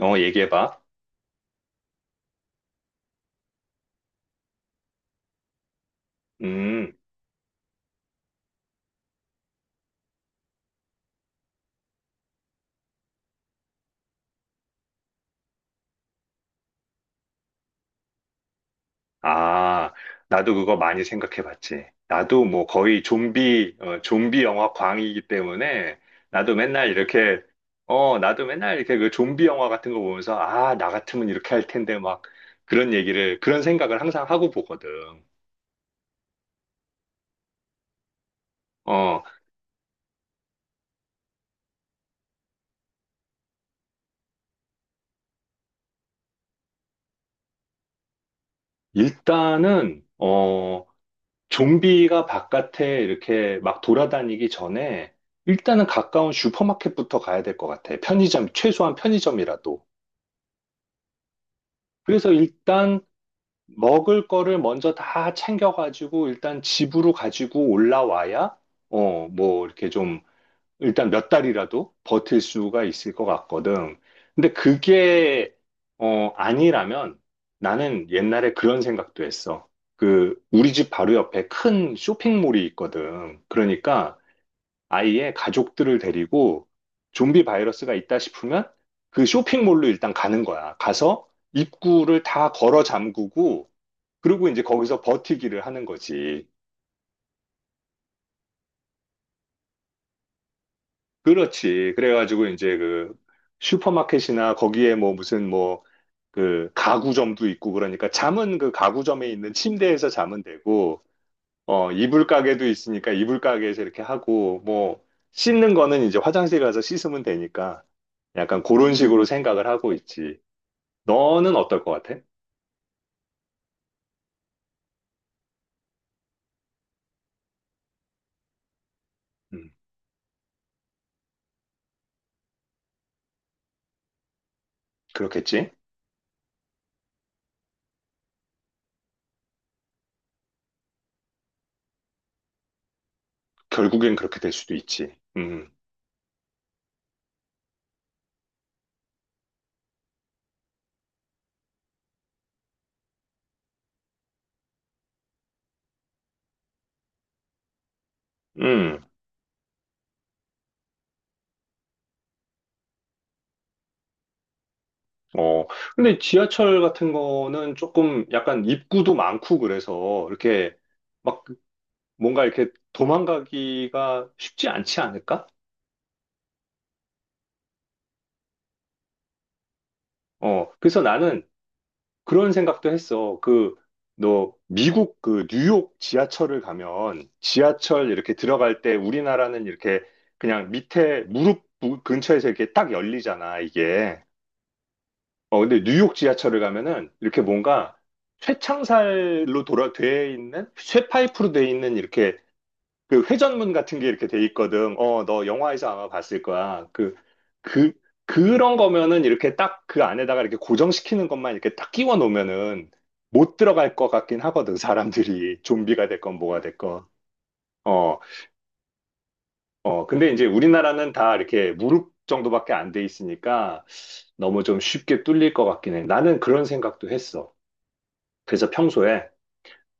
어, 얘기해봐. 음, 아, 나도 그거 많이 생각해봤지. 나도 뭐 거의 좀비, 좀비 영화 광이기 때문에 나도 맨날 이렇게 그 좀비 영화 같은 거 보면서 아, 나 같으면 이렇게 할 텐데 막 그런 그런 생각을 항상 하고 보거든. 어, 일단은, 어, 좀비가 바깥에 이렇게 막 돌아다니기 전에 일단은 가까운 슈퍼마켓부터 가야 될 것 같아. 편의점, 최소한 편의점이라도. 그래서 일단 먹을 거를 먼저 다 챙겨가지고 일단 집으로 가지고 올라와야 어, 뭐 이렇게 좀 일단 몇 달이라도 버틸 수가 있을 것 같거든. 근데 그게 어, 아니라면 나는 옛날에 그런 생각도 했어. 그 우리 집 바로 옆에 큰 쇼핑몰이 있거든. 그러니까 아이의 가족들을 데리고 좀비 바이러스가 있다 싶으면 그 쇼핑몰로 일단 가는 거야. 가서 입구를 다 걸어 잠그고 그리고 이제 거기서 버티기를 하는 거지. 그렇지. 그래가지고 이제 그 슈퍼마켓이나 거기에 뭐 무슨 그 가구점도 있고 그러니까 잠은 그 가구점에 있는 침대에서 자면 되고 어, 이불 가게도 있으니까 이불 가게에서 이렇게 하고, 뭐, 씻는 거는 이제 화장실 가서 씻으면 되니까, 약간 그런 식으로 생각을 하고 있지. 너는 어떨 것 같아? 음, 그렇겠지? 결국엔 그렇게 될 수도 있지. 음, 어. 근데 지하철 같은 거는 조금 약간 입구도 많고 그래서 이렇게 막 뭔가 이렇게 도망가기가 쉽지 않지 않을까? 어, 그래서 나는 그런 생각도 했어. 그, 너, 미국 그 뉴욕 지하철을 가면 지하철 이렇게 들어갈 때 우리나라는 이렇게 그냥 밑에 근처에서 이렇게 딱 열리잖아, 이게. 어, 근데 뉴욕 지하철을 가면은 이렇게 뭔가 돼 있는, 쇠파이프로 돼 있는 이렇게 그 회전문 같은 게 이렇게 돼 있거든. 어, 너 영화에서 아마 봤을 거야. 그, 그런 거면은 이렇게 딱 그 안에다가 이렇게 고정시키는 것만 이렇게 딱 끼워 놓으면은 못 들어갈 것 같긴 하거든. 사람들이 좀비가 됐건 뭐가 됐건. 어, 어. 근데 이제 우리나라는 다 이렇게 무릎 정도밖에 안 돼 있으니까 너무 좀 쉽게 뚫릴 것 같긴 해. 나는 그런 생각도 했어. 그래서 평소에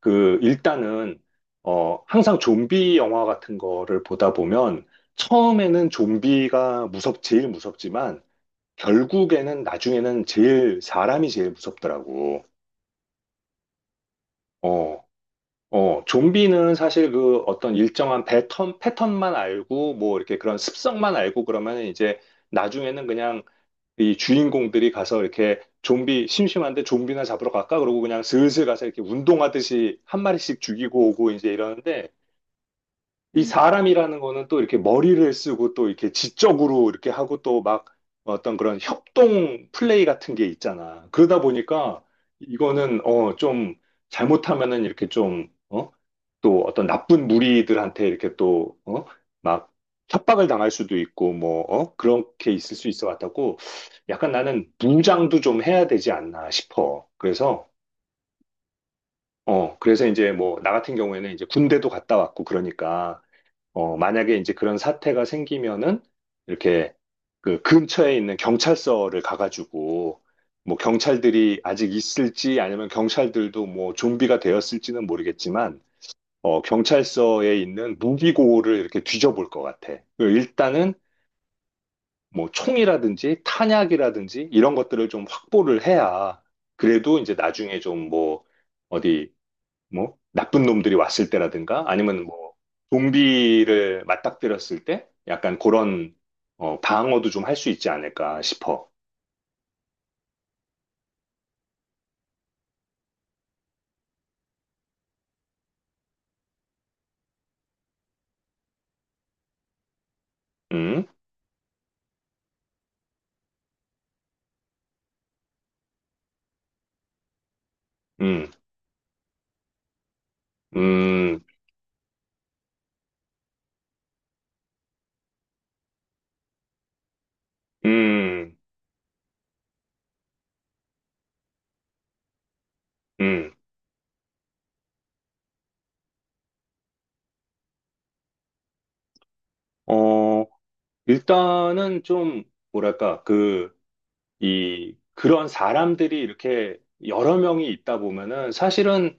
그 일단은 어 항상 좀비 영화 같은 거를 보다 보면 처음에는 좀비가 무섭 제일 무섭지만 결국에는 나중에는 제일 사람이 제일 무섭더라고. 어. 어, 좀비는 사실 그 어떤 일정한 패턴만 알고 뭐 이렇게 그런 습성만 알고 그러면 이제 나중에는 그냥 이 주인공들이 가서 이렇게 좀비 심심한데 좀비나 잡으러 갈까? 그러고 그냥 슬슬 가서 이렇게 운동하듯이 한 마리씩 죽이고 오고 이제 이러는데 이 사람이라는 거는 또 이렇게 머리를 쓰고 또 이렇게 지적으로 이렇게 하고 또 막 어떤 그런 협동 플레이 같은 게 있잖아. 그러다 보니까 이거는 어, 좀 잘못하면은 이렇게 좀 어? 또 어떤 나쁜 무리들한테 이렇게 또 어? 막 협박을 당할 수도 있고 뭐 어? 그렇게 있을 수 있어 같다고 약간 나는 무장도 좀 해야 되지 않나 싶어. 그래서 어, 그래서 이제 뭐 나 같은 경우에는 이제 군대도 갔다 왔고 그러니까 어, 만약에 이제 그런 사태가 생기면은 이렇게 그 근처에 있는 경찰서를 가가지고 뭐 경찰들이 아직 있을지 아니면 경찰들도 뭐 좀비가 되었을지는 모르겠지만 어, 경찰서에 있는 무기고를 이렇게 뒤져볼 것 같아. 그 일단은 뭐 총이라든지 탄약이라든지 이런 것들을 좀 확보를 해야 그래도 이제 나중에 좀 뭐 어디 뭐 나쁜 놈들이 왔을 때라든가 아니면 뭐 좀비를 맞닥뜨렸을 때 약간 그런 어, 방어도 좀 할 수 있지 않을까 싶어. 음, 음, 음, 음, 음. 어, 일단은 좀 뭐랄까 그 이 그런 사람들이 이렇게 여러 명이 있다 보면은 사실은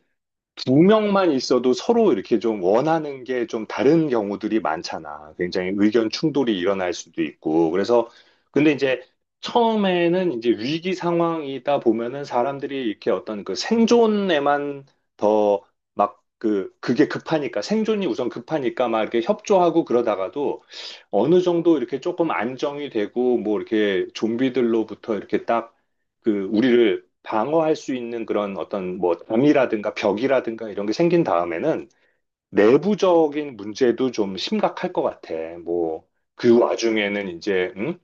두 명만 있어도 서로 이렇게 좀 원하는 게 좀 다른 경우들이 많잖아. 굉장히 의견 충돌이 일어날 수도 있고. 그래서, 근데 이제 처음에는 이제 위기 상황이다 보면은 사람들이 이렇게 어떤 그 생존에만 더 막 그게 급하니까, 생존이 우선 급하니까 막 이렇게 협조하고 그러다가도 어느 정도 이렇게 조금 안정이 되고 뭐 이렇게 좀비들로부터 이렇게 딱 그 우리를 방어할 수 있는 그런 어떤 뭐 담이라든가 벽이라든가 이런 게 생긴 다음에는 내부적인 문제도 좀 심각할 것 같아. 뭐 그 와중에는 이제 응?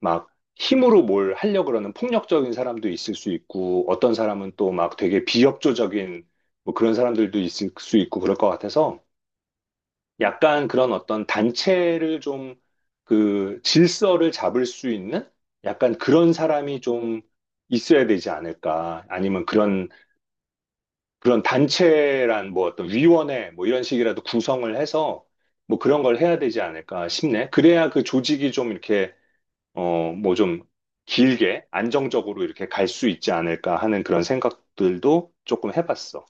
막 힘으로 뭘 하려고 그러는 폭력적인 사람도 있을 수 있고 어떤 사람은 또 막 되게 비협조적인 뭐 그런 사람들도 있을 수 있고 그럴 것 같아서 약간 그런 어떤 단체를 좀 그 질서를 잡을 수 있는 약간 그런 사람이 좀 있어야 되지 않을까. 아니면 그런, 그런 단체란 뭐 어떤 위원회 뭐 이런 식이라도 구성을 해서 뭐 그런 걸 해야 되지 않을까 싶네. 그래야 그 조직이 좀 이렇게, 어, 뭐 좀 길게 안정적으로 이렇게 갈 수 있지 않을까 하는 그런 생각들도 조금 해봤어.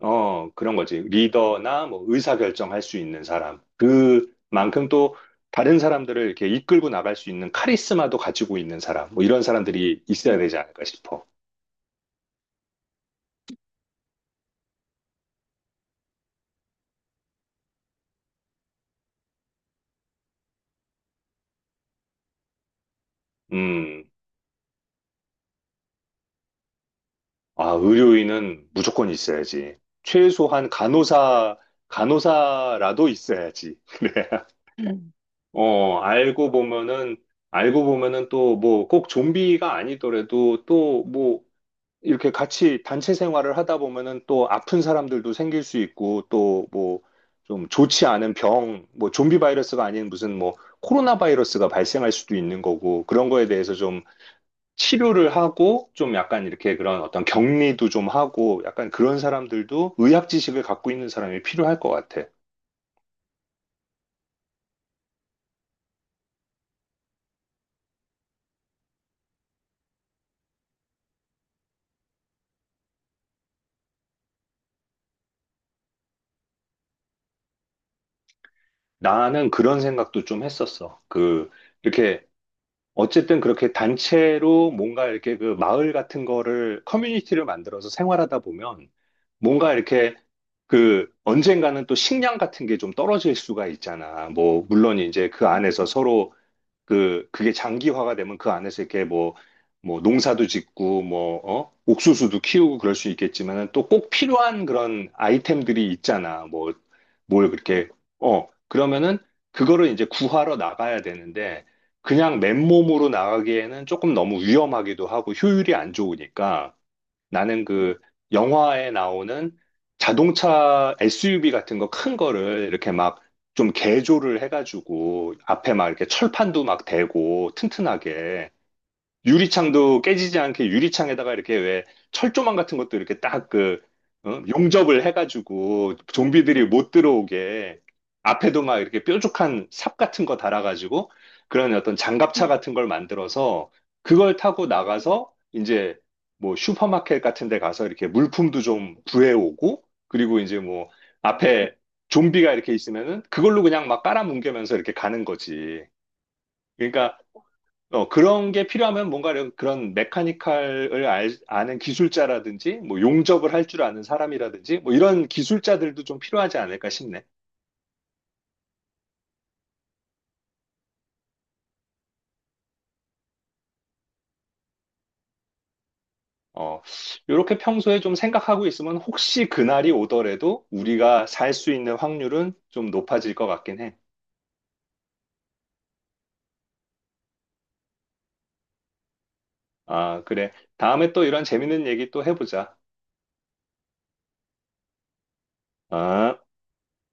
어, 그런 거지. 리더나 뭐 의사결정할 수 있는 사람. 그만큼 또 다른 사람들을 이렇게 이끌고 나갈 수 있는 카리스마도 가지고 있는 사람. 뭐 이런 사람들이 있어야 되지 않을까 싶어. 음, 아, 의료인은 무조건 있어야지. 최소한 간호사라도 있어야지. 음. 어, 알고 보면은, 알고 보면은 또 뭐 꼭 좀비가 아니더라도 또뭐 이렇게 같이 단체 생활을 하다 보면은 또 아픈 사람들도 생길 수 있고 또 뭐 좀 좋지 않은 병, 뭐 좀비 바이러스가 아닌 무슨 뭐 코로나 바이러스가 발생할 수도 있는 거고 그런 거에 대해서 좀 치료를 하고 좀 약간 이렇게 그런 어떤 격리도 좀 하고 약간 그런 사람들도 의학 지식을 갖고 있는 사람이 필요할 것 같아. 나는 그런 생각도 좀 했었어. 그 이렇게 어쨌든 그렇게 단체로 뭔가 이렇게 그 마을 같은 거를 커뮤니티를 만들어서 생활하다 보면 뭔가 이렇게 그 언젠가는 또 식량 같은 게 좀 떨어질 수가 있잖아. 뭐 물론 이제 그 안에서 서로 그게 장기화가 되면 그 안에서 이렇게 뭐 농사도 짓고 뭐 어? 옥수수도 키우고 그럴 수 있겠지만은 또 꼭 필요한 그런 아이템들이 있잖아. 뭐 뭘 그렇게 어 그러면은 그거를 이제 구하러 나가야 되는데 그냥 맨몸으로 나가기에는 조금 너무 위험하기도 하고 효율이 안 좋으니까 나는 그 영화에 나오는 자동차 SUV 같은 거 큰 거를 이렇게 막 좀 개조를 해가지고 앞에 막 이렇게 철판도 막 대고 튼튼하게 유리창도 깨지지 않게 유리창에다가 이렇게 왜 철조망 같은 것도 이렇게 딱 그, 어? 용접을 해가지고 좀비들이 못 들어오게 앞에도 막 이렇게 뾰족한 삽 같은 거 달아가지고 그런 어떤 장갑차 같은 걸 만들어서 그걸 타고 나가서 이제 뭐 슈퍼마켓 같은 데 가서 이렇게 물품도 좀 구해오고 그리고 이제 뭐 앞에 좀비가 이렇게 있으면은 그걸로 그냥 막 깔아뭉개면서 이렇게 가는 거지. 그러니까 어, 그런 게 필요하면 뭔가 그런 메카니컬을 아는 기술자라든지, 뭐 용접을 할 줄 아는 사람이라든지, 뭐 이런 기술자들도 좀 필요하지 않을까 싶네. 어, 이렇게 평소에 좀 생각하고 있으면 혹시 그날이 오더라도 우리가 살 수 있는 확률은 좀 높아질 것 같긴 해. 아, 그래. 다음에 또 이런 재밌는 얘기 또 해보자. 아.